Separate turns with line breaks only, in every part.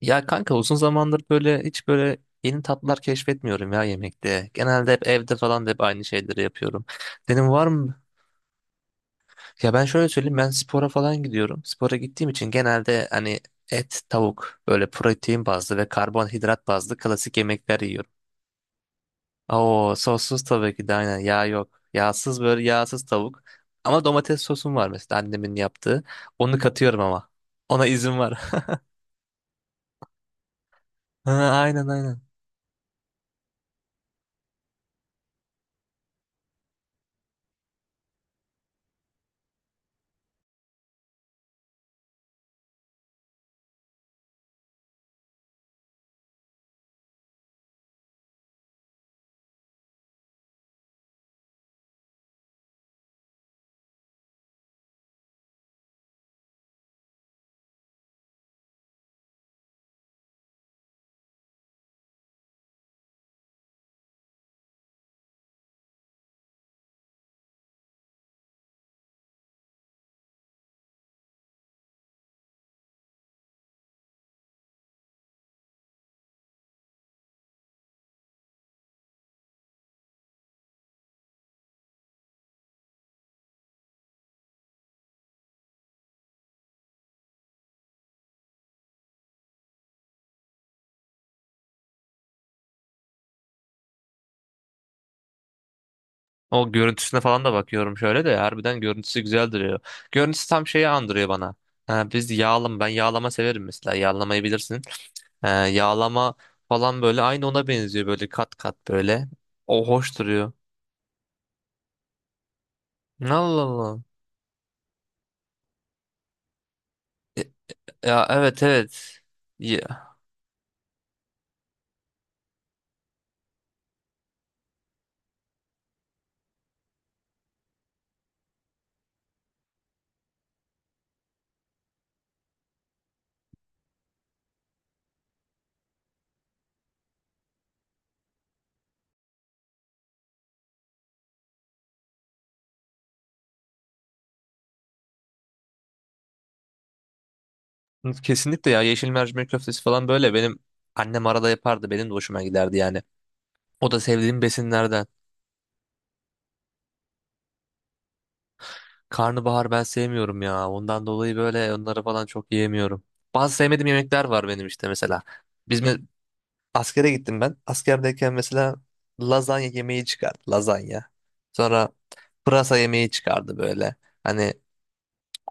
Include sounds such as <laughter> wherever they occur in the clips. Ya kanka uzun zamandır böyle hiç böyle yeni tatlar keşfetmiyorum ya yemekte. Genelde hep evde falan da hep aynı şeyleri yapıyorum. Dedim var mı? Ya ben şöyle söyleyeyim, ben spora falan gidiyorum. Spora gittiğim için genelde hani et, tavuk böyle protein bazlı ve karbonhidrat bazlı klasik yemekler yiyorum. Oo sossuz tabii ki de, aynen, yağ yok. Yağsız, böyle yağsız tavuk. Ama domates sosum var mesela, annemin yaptığı. Onu katıyorum ama. Ona izin var. <laughs> Ha, aynen aynen. O görüntüsüne falan da bakıyorum, şöyle de harbiden görüntüsü güzel duruyor. Görüntüsü tam şeyi andırıyor bana. Ha, biz yağlama, ben yağlama severim mesela, yağlamayı bilirsin. Yağlama falan böyle aynı ona benziyor, böyle kat kat böyle. O hoş duruyor. Allah Allah. Ya evet evet. Ya, kesinlikle ya, yeşil mercimek köftesi falan böyle benim annem, arada yapardı, benim de hoşuma giderdi yani. O da sevdiğim besinlerden. Karnabahar ben sevmiyorum ya. Ondan dolayı böyle onları falan çok yiyemiyorum. Bazı sevmediğim yemekler var benim, işte mesela. Bizim askere gittim ben. Askerdeyken mesela lazanya yemeği çıkardı. Lazanya. Sonra pırasa yemeği çıkardı böyle. Hani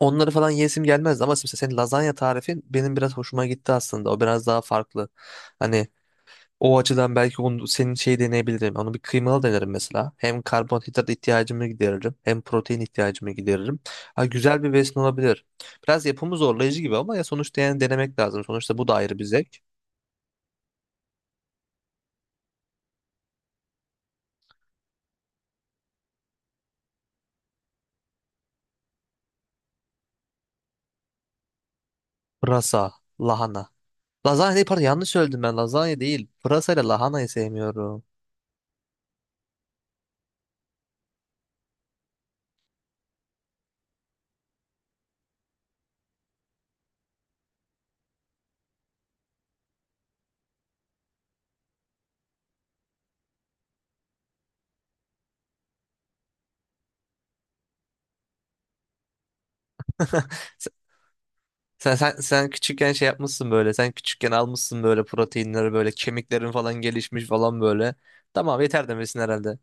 onları falan yesim gelmezdi, ama mesela senin lazanya tarifin benim biraz hoşuma gitti aslında. O biraz daha farklı. Hani o açıdan belki onu, senin şeyi deneyebilirim. Onu bir kıymalı denerim mesela. Hem karbonhidrat ihtiyacımı gideririm, hem protein ihtiyacımı gideririm. Ha, güzel bir besin olabilir. Biraz yapımı zorlayıcı gibi ama ya sonuçta yani denemek lazım. Sonuçta bu da ayrı bir zevk. Pırasa, lahana. Lazanya değil, pardon, yanlış söyledim ben. Lazanya değil. Pırasa ile lahanayı sevmiyorum. Sen küçükken şey yapmışsın böyle. Sen küçükken almışsın böyle proteinleri, böyle kemiklerin falan gelişmiş falan böyle. Tamam yeter demesin herhalde.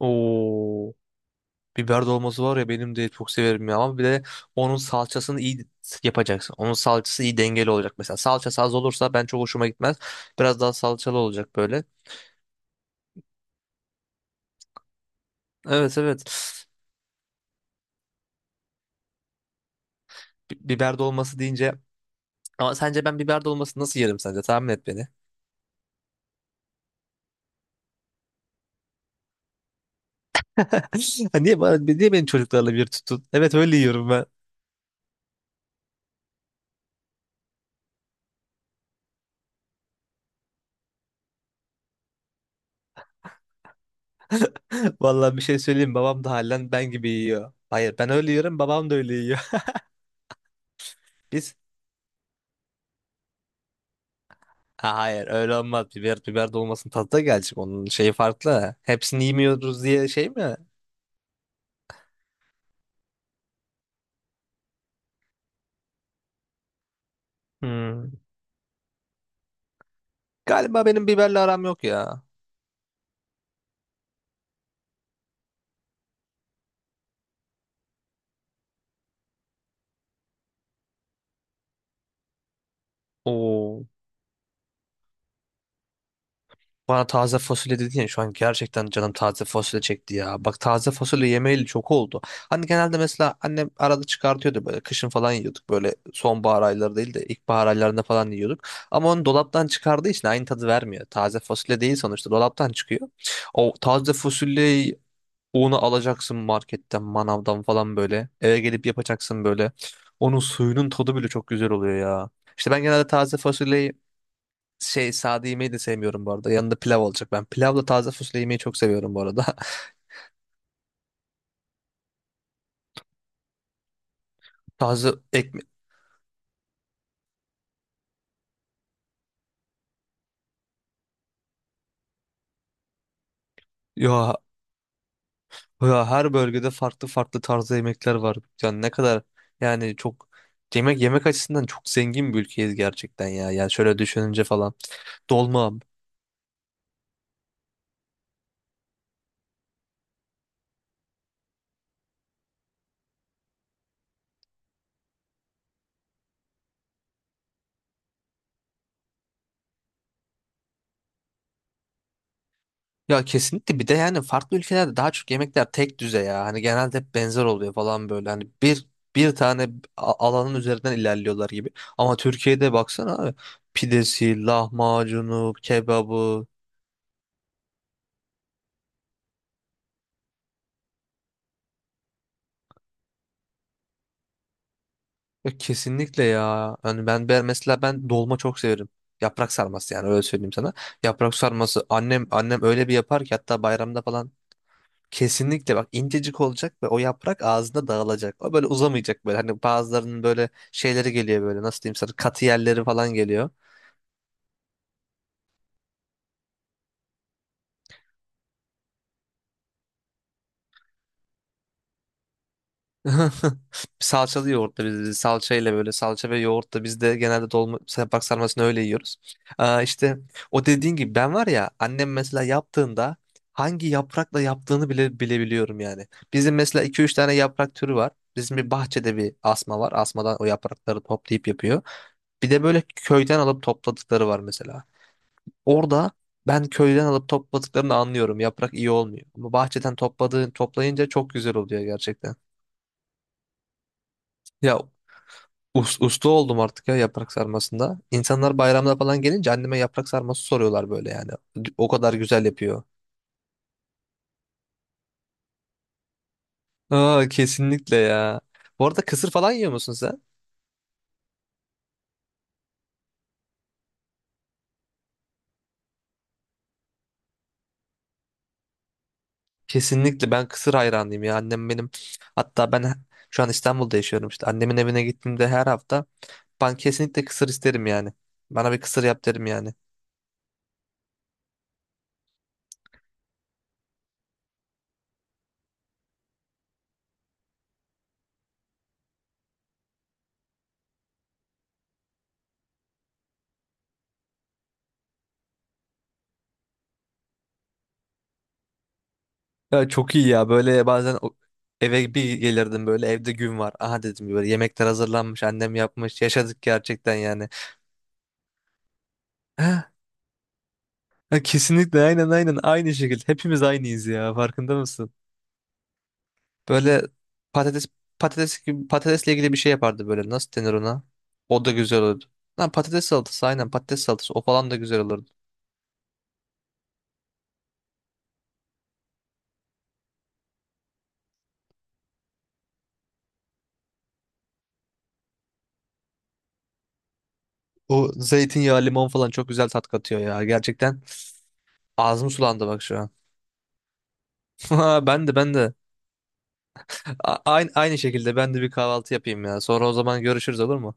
Oo. Biber dolması var ya, benim de çok severim ya, ama bir de onun salçasını iyi yapacaksın. Onun salçası iyi dengeli olacak mesela. Salçası az olursa ben çok hoşuma gitmez. Biraz daha salçalı olacak böyle. Evet evet. Biber dolması deyince, ama sence ben biber dolması nasıl yerim sence? Tahmin et beni. <laughs> Ha, niye, niye benim çocuklarla bir tutun? Evet öyle yiyorum ben. <laughs> Vallahi bir şey söyleyeyim, babam da halen ben gibi yiyor. Hayır, ben öyle yiyorum, babam da öyle yiyor. <laughs> Biz Ha, hayır, öyle olmaz. Biber dolmasının tadı da gelecek. Onun şeyi farklı. Hepsini yemiyoruz diye şey mi? Hmm. Galiba benim biberle aram yok ya. Oo. Bana taze fasulye dedin ya, şu an gerçekten canım taze fasulye çekti ya. Bak, taze fasulye yemeyeli çok oldu. Hani genelde mesela annem arada çıkartıyordu, böyle kışın falan yiyorduk. Böyle sonbahar ayları değil de ilkbahar aylarında falan yiyorduk. Ama onu dolaptan çıkardığı için aynı tadı vermiyor. Taze fasulye değil sonuçta, dolaptan çıkıyor. O taze fasulyeyi, unu alacaksın marketten, manavdan falan böyle. Eve gelip yapacaksın böyle. Onun suyunun tadı bile çok güzel oluyor ya. İşte ben genelde taze fasulyeyi şey, sade yemeyi de sevmiyorum bu arada. Yanında pilav olacak. Ben pilavla taze fasulye yemeyi çok seviyorum bu arada. <laughs> Taze ekmek. Ya, ya her bölgede farklı farklı tarzda yemekler var. Yani ne kadar yani çok, yemek yemek açısından çok zengin bir ülkeyiz gerçekten ya. Yani şöyle düşününce falan. Dolma. Ya kesinlikle, bir de yani farklı ülkelerde daha çok yemekler tek düze ya. Hani genelde hep benzer oluyor falan böyle. Hani bir bir tane alanın üzerinden ilerliyorlar gibi. Ama Türkiye'de baksana abi. Pidesi, lahmacunu, kebabı. Ya kesinlikle ya. Hani ben, mesela ben dolma çok severim. Yaprak sarması, yani öyle söyleyeyim sana. Yaprak sarması, annem öyle bir yapar ki, hatta bayramda falan. Kesinlikle bak, incecik olacak ve o yaprak ağzında dağılacak. O böyle uzamayacak böyle. Hani bazılarının böyle şeyleri geliyor, böyle nasıl diyeyim sana, katı yerleri falan geliyor. <laughs> Salçalı yoğurtla biz, salçayla, böyle salça ve yoğurtla biz de genelde dolma yaprak sarmasını öyle yiyoruz. Aa, işte o dediğin gibi, ben var ya, annem mesela yaptığında hangi yaprakla yaptığını bile bilebiliyorum yani. Bizim mesela iki üç tane yaprak türü var. Bizim bir bahçede bir asma var. Asmadan o yaprakları toplayıp yapıyor. Bir de böyle köyden alıp topladıkları var mesela. Orada ben köyden alıp topladıklarını anlıyorum. Yaprak iyi olmuyor. Ama bahçeden topladığın, toplayınca çok güzel oluyor gerçekten. Ya usta oldum artık ya yaprak sarmasında. İnsanlar bayramda falan gelince anneme yaprak sarması soruyorlar böyle yani. O kadar güzel yapıyor. Aa kesinlikle ya. Bu arada kısır falan yiyor musun sen? Kesinlikle ben kısır hayranıyım ya. Annem benim, hatta ben şu an İstanbul'da yaşıyorum işte. Annemin evine gittiğimde her hafta, ben kesinlikle kısır isterim yani. Bana bir kısır yap derim yani. Ya çok iyi ya, böyle bazen eve bir gelirdim, böyle evde gün var. Aha dedim, böyle yemekler hazırlanmış, annem yapmış, yaşadık gerçekten yani. <gasps> Ha, ha, kesinlikle, aynen aynen, aynı şekilde hepimiz aynıyız ya, farkında mısın? Böyle patates patates gibi, patatesle ilgili bir şey yapardı böyle. Nasıl denir ona? O da güzel olurdu. Lan, patates salatası, aynen patates salatası. O falan da güzel olurdu. O zeytinyağı, limon falan çok güzel tat katıyor ya. Gerçekten ağzım sulandı bak şu an. <laughs> Ben de, ben de. Aynı şekilde ben de bir kahvaltı yapayım ya. Sonra o zaman görüşürüz olur mu?